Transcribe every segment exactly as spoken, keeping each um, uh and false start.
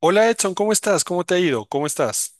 Hola Edson, ¿cómo estás? ¿Cómo te ha ido? ¿Cómo estás?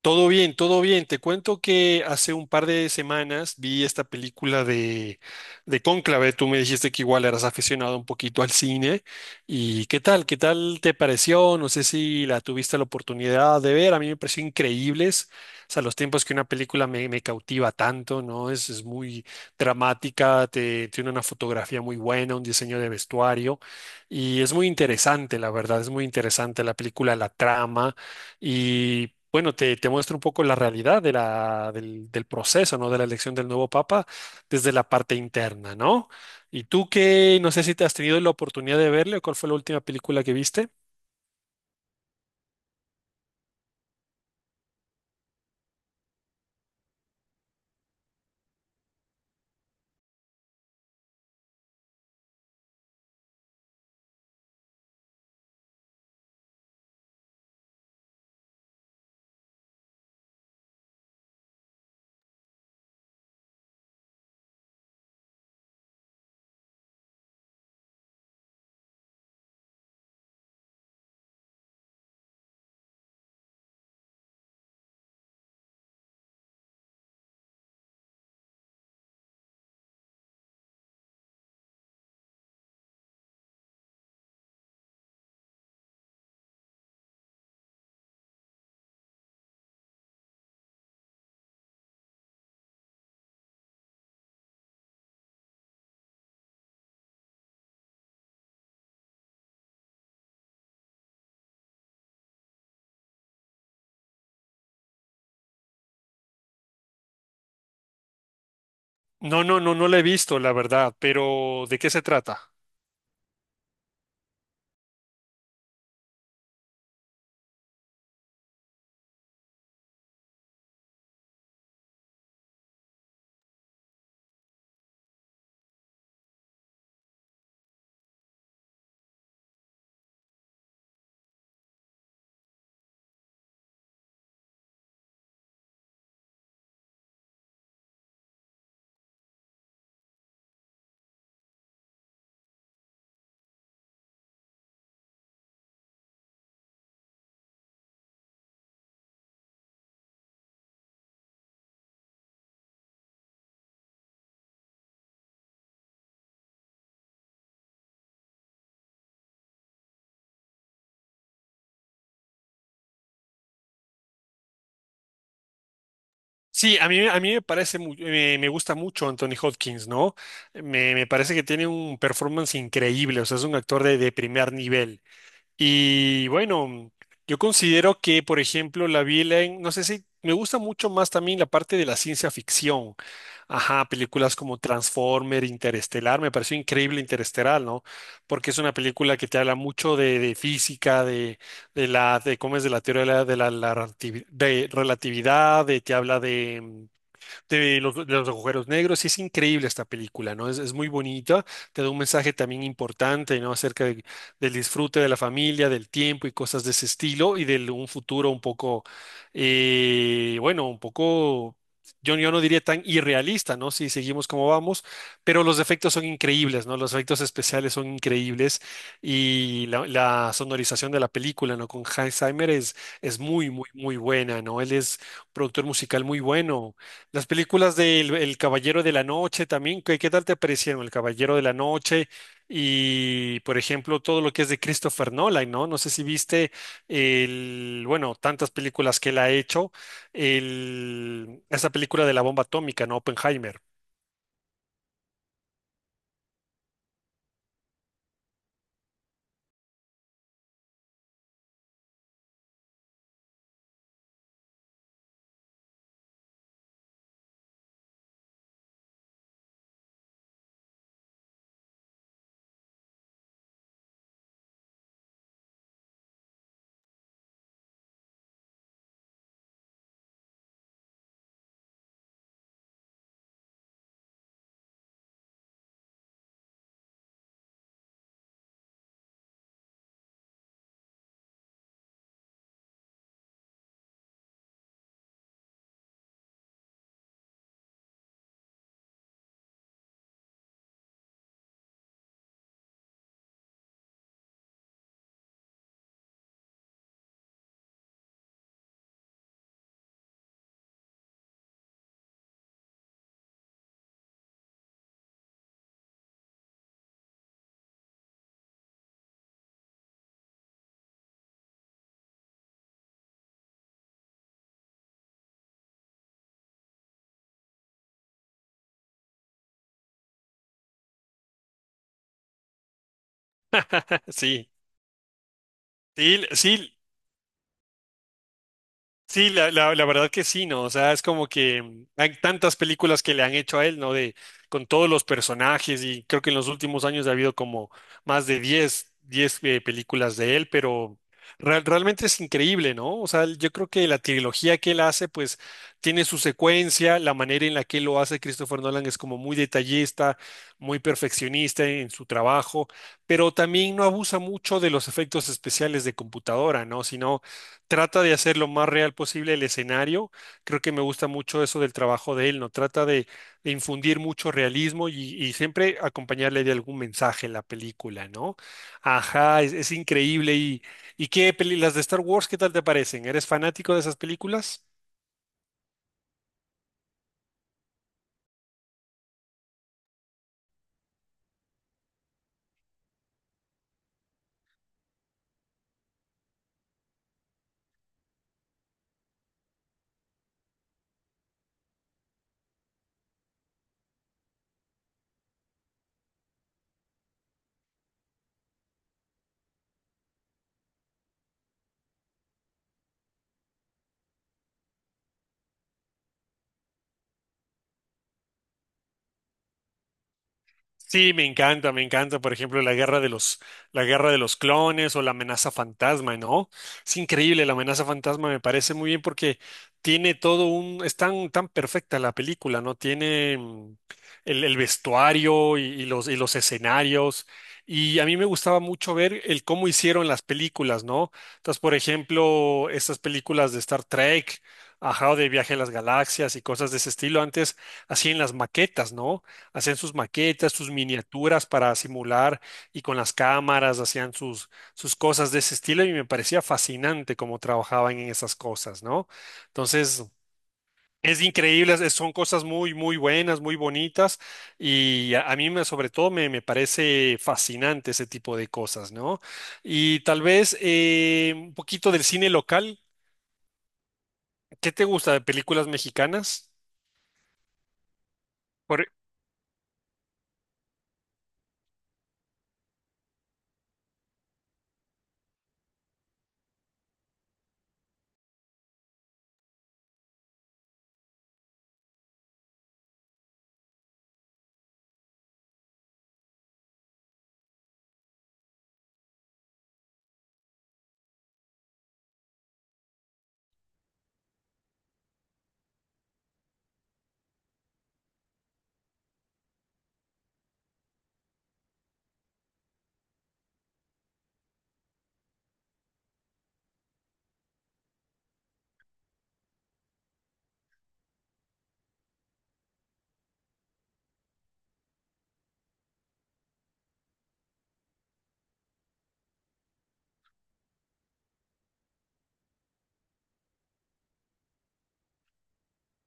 Todo bien, todo bien. Te cuento que hace un par de semanas vi esta película de, de Cónclave. Tú me dijiste que igual eras aficionado un poquito al cine. ¿Y qué tal? ¿Qué tal te pareció? No sé si la tuviste la oportunidad de ver. A mí me pareció increíbles. O sea, los tiempos que una película me, me cautiva tanto, ¿no? Es, es muy dramática, te- tiene una fotografía muy buena, un diseño de vestuario. Y es muy interesante, la verdad, es muy interesante la película, la trama. Y bueno, te, te muestro un poco la realidad de la, del, del proceso, ¿no? De la elección del nuevo papa desde la parte interna, ¿no? Y tú que no sé si te has tenido la oportunidad de verle o cuál fue la última película que viste. No, no, no, no la he visto, la verdad, pero ¿de qué se trata? Sí, a mí, a mí me parece, mu- me, me gusta mucho Anthony Hopkins, ¿no? Me, me parece que tiene un performance increíble, o sea, es un actor de, de primer nivel. Y bueno, yo considero que, por ejemplo, la vi en, no sé si me gusta mucho más también la parte de la ciencia ficción. Ajá, películas como Transformer, Interestelar, me pareció increíble Interestelar, ¿no? Porque es una película que te habla mucho de, de física, de, de la, de cómo es de la teoría de la, de la- la relativi- de relatividad, de- te habla de mm, de los, de los agujeros negros. Y es increíble esta película, ¿no? Es, es muy bonita, te da un mensaje también importante, ¿no? Acerca de- del disfrute de la familia, del tiempo y cosas de ese estilo y de un futuro un poco, eh, bueno, un poco... Yo, yo no diría tan irrealista, ¿no? Si seguimos como vamos, pero los efectos son increíbles, ¿no? Los efectos especiales son increíbles y la, la sonorización de la película, ¿no? Con Hans Zimmer es, es muy, muy, muy buena, ¿no? Él es productor musical muy bueno. Las películas del El Caballero de la Noche también, ¿qué, qué tal te parecieron? El Caballero de la Noche y, por ejemplo, todo lo que es de Christopher Nolan, ¿no? No sé si viste el, bueno, tantas películas que él ha hecho, el, esa película de la bomba atómica, ¿no? Oppenheimer. Sí, sí, sí, sí, la, la, la verdad que sí, ¿no? O sea, es como que mm, hay tantas películas que le han hecho a él, ¿no? De, con todos los personajes y creo que en los últimos años ha habido como más de diez diez eh, películas de él, pero real- realmente es increíble, ¿no? O sea, yo creo que la trilogía que él hace, pues tiene su secuencia, la manera en la que lo hace Christopher Nolan es como muy detallista, muy perfeccionista en su trabajo, pero también no abusa mucho de los efectos especiales de computadora, ¿no? Sino trata de hacer lo más real posible el escenario. Creo que me gusta mucho eso del trabajo de él, ¿no? Trata de, de infundir mucho realismo y, y siempre acompañarle de algún mensaje en la película, ¿no? Ajá, es, es increíble. ¿Y, y qué peli- las de Star Wars, qué tal te parecen? ¿Eres fanático de esas películas? Sí, me encanta, me encanta, por ejemplo, la guerra de los, la guerra de los clones o la amenaza fantasma, ¿no? Es increíble, la amenaza fantasma me parece muy bien porque tiene todo un, es tan, tan perfecta la película, ¿no? Tiene mm, el, el vestuario y, y los, y los escenarios. Y a mí me gustaba mucho ver el cómo hicieron las películas, ¿no? Entonces, por ejemplo, estas películas de Star Trek, ajá, o de Viaje a las Galaxias y cosas de ese estilo, antes hacían las maquetas, ¿no? Hacían sus maquetas, sus miniaturas para simular y con las cámaras hacían sus, sus cosas de ese estilo y me parecía fascinante cómo trabajaban en esas cosas, ¿no? Entonces, es increíble, es- son cosas muy, muy buenas, muy bonitas y a, a mí me- sobre todo me, me parece fascinante ese tipo de cosas, ¿no? Y tal vez eh, un poquito del cine local, ¿qué te gusta de películas mexicanas? Por-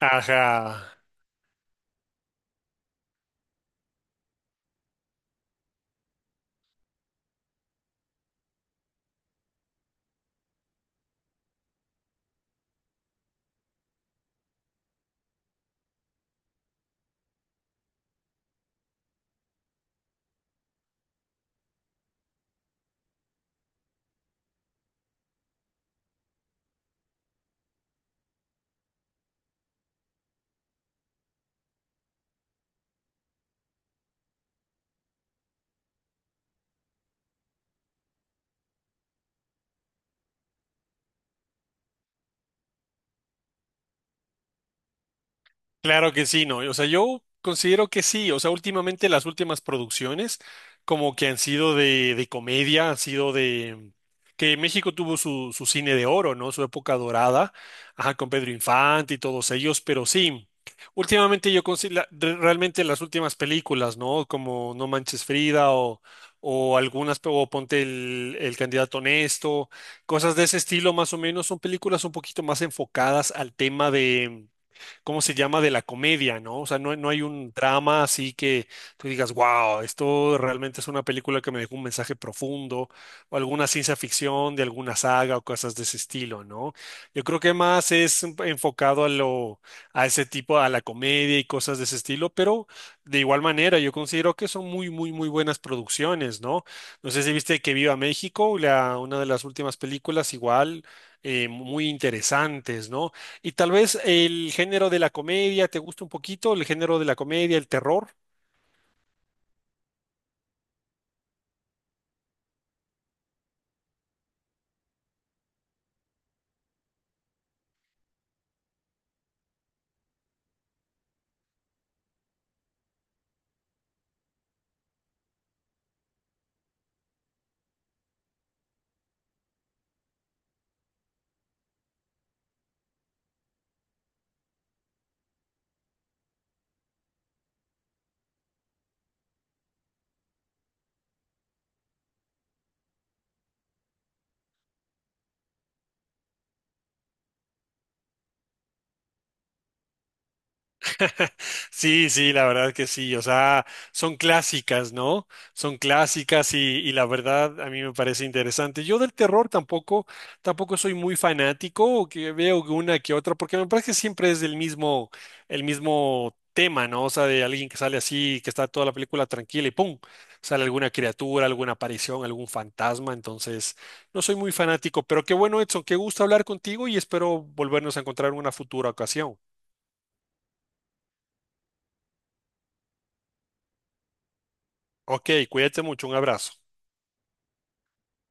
Ajá. Claro que sí, ¿no? O sea, yo considero que sí. O sea, últimamente las últimas producciones como que han sido de, de comedia, han sido de... que México tuvo su, su cine de oro, ¿no? Su época dorada, ajá, con Pedro Infante y todos ellos, pero sí. Últimamente yo considero realmente las últimas películas, ¿no? Como No Manches Frida o, o algunas, o Ponte el, el candidato honesto, cosas de ese estilo más o menos, son películas un poquito más enfocadas al tema ¿cómo se llama? De la comedia, ¿no? O sea, no, no hay un drama así que tú digas, wow, esto realmente es una película que me dejó un mensaje profundo, o alguna ciencia ficción de alguna saga o cosas de ese estilo, ¿no? Yo creo que más es enfocado a lo, a ese tipo, a la comedia y cosas de ese estilo, pero de igual manera, yo considero que son muy, muy, muy buenas producciones, ¿no? No sé si viste Que Viva México, la, una de las últimas películas, igual, eh, muy interesantes, ¿no? Y tal vez el género de la comedia te gusta un poquito, el género de la comedia, el terror. Sí, sí, la verdad que sí, o sea, son clásicas, ¿no? Son clásicas y, y la verdad a mí me parece interesante. Yo del terror tampoco, tampoco soy muy fanático, o que veo una que otra, porque me parece que siempre es del mismo, el mismo tema, ¿no? O sea, de alguien que sale así, que está toda la película tranquila y ¡pum! Sale alguna criatura, alguna aparición, algún fantasma, entonces no soy muy fanático, pero qué bueno, Edson, qué gusto hablar contigo y espero volvernos a encontrar en una futura ocasión. Ok, cuídate mucho, un abrazo.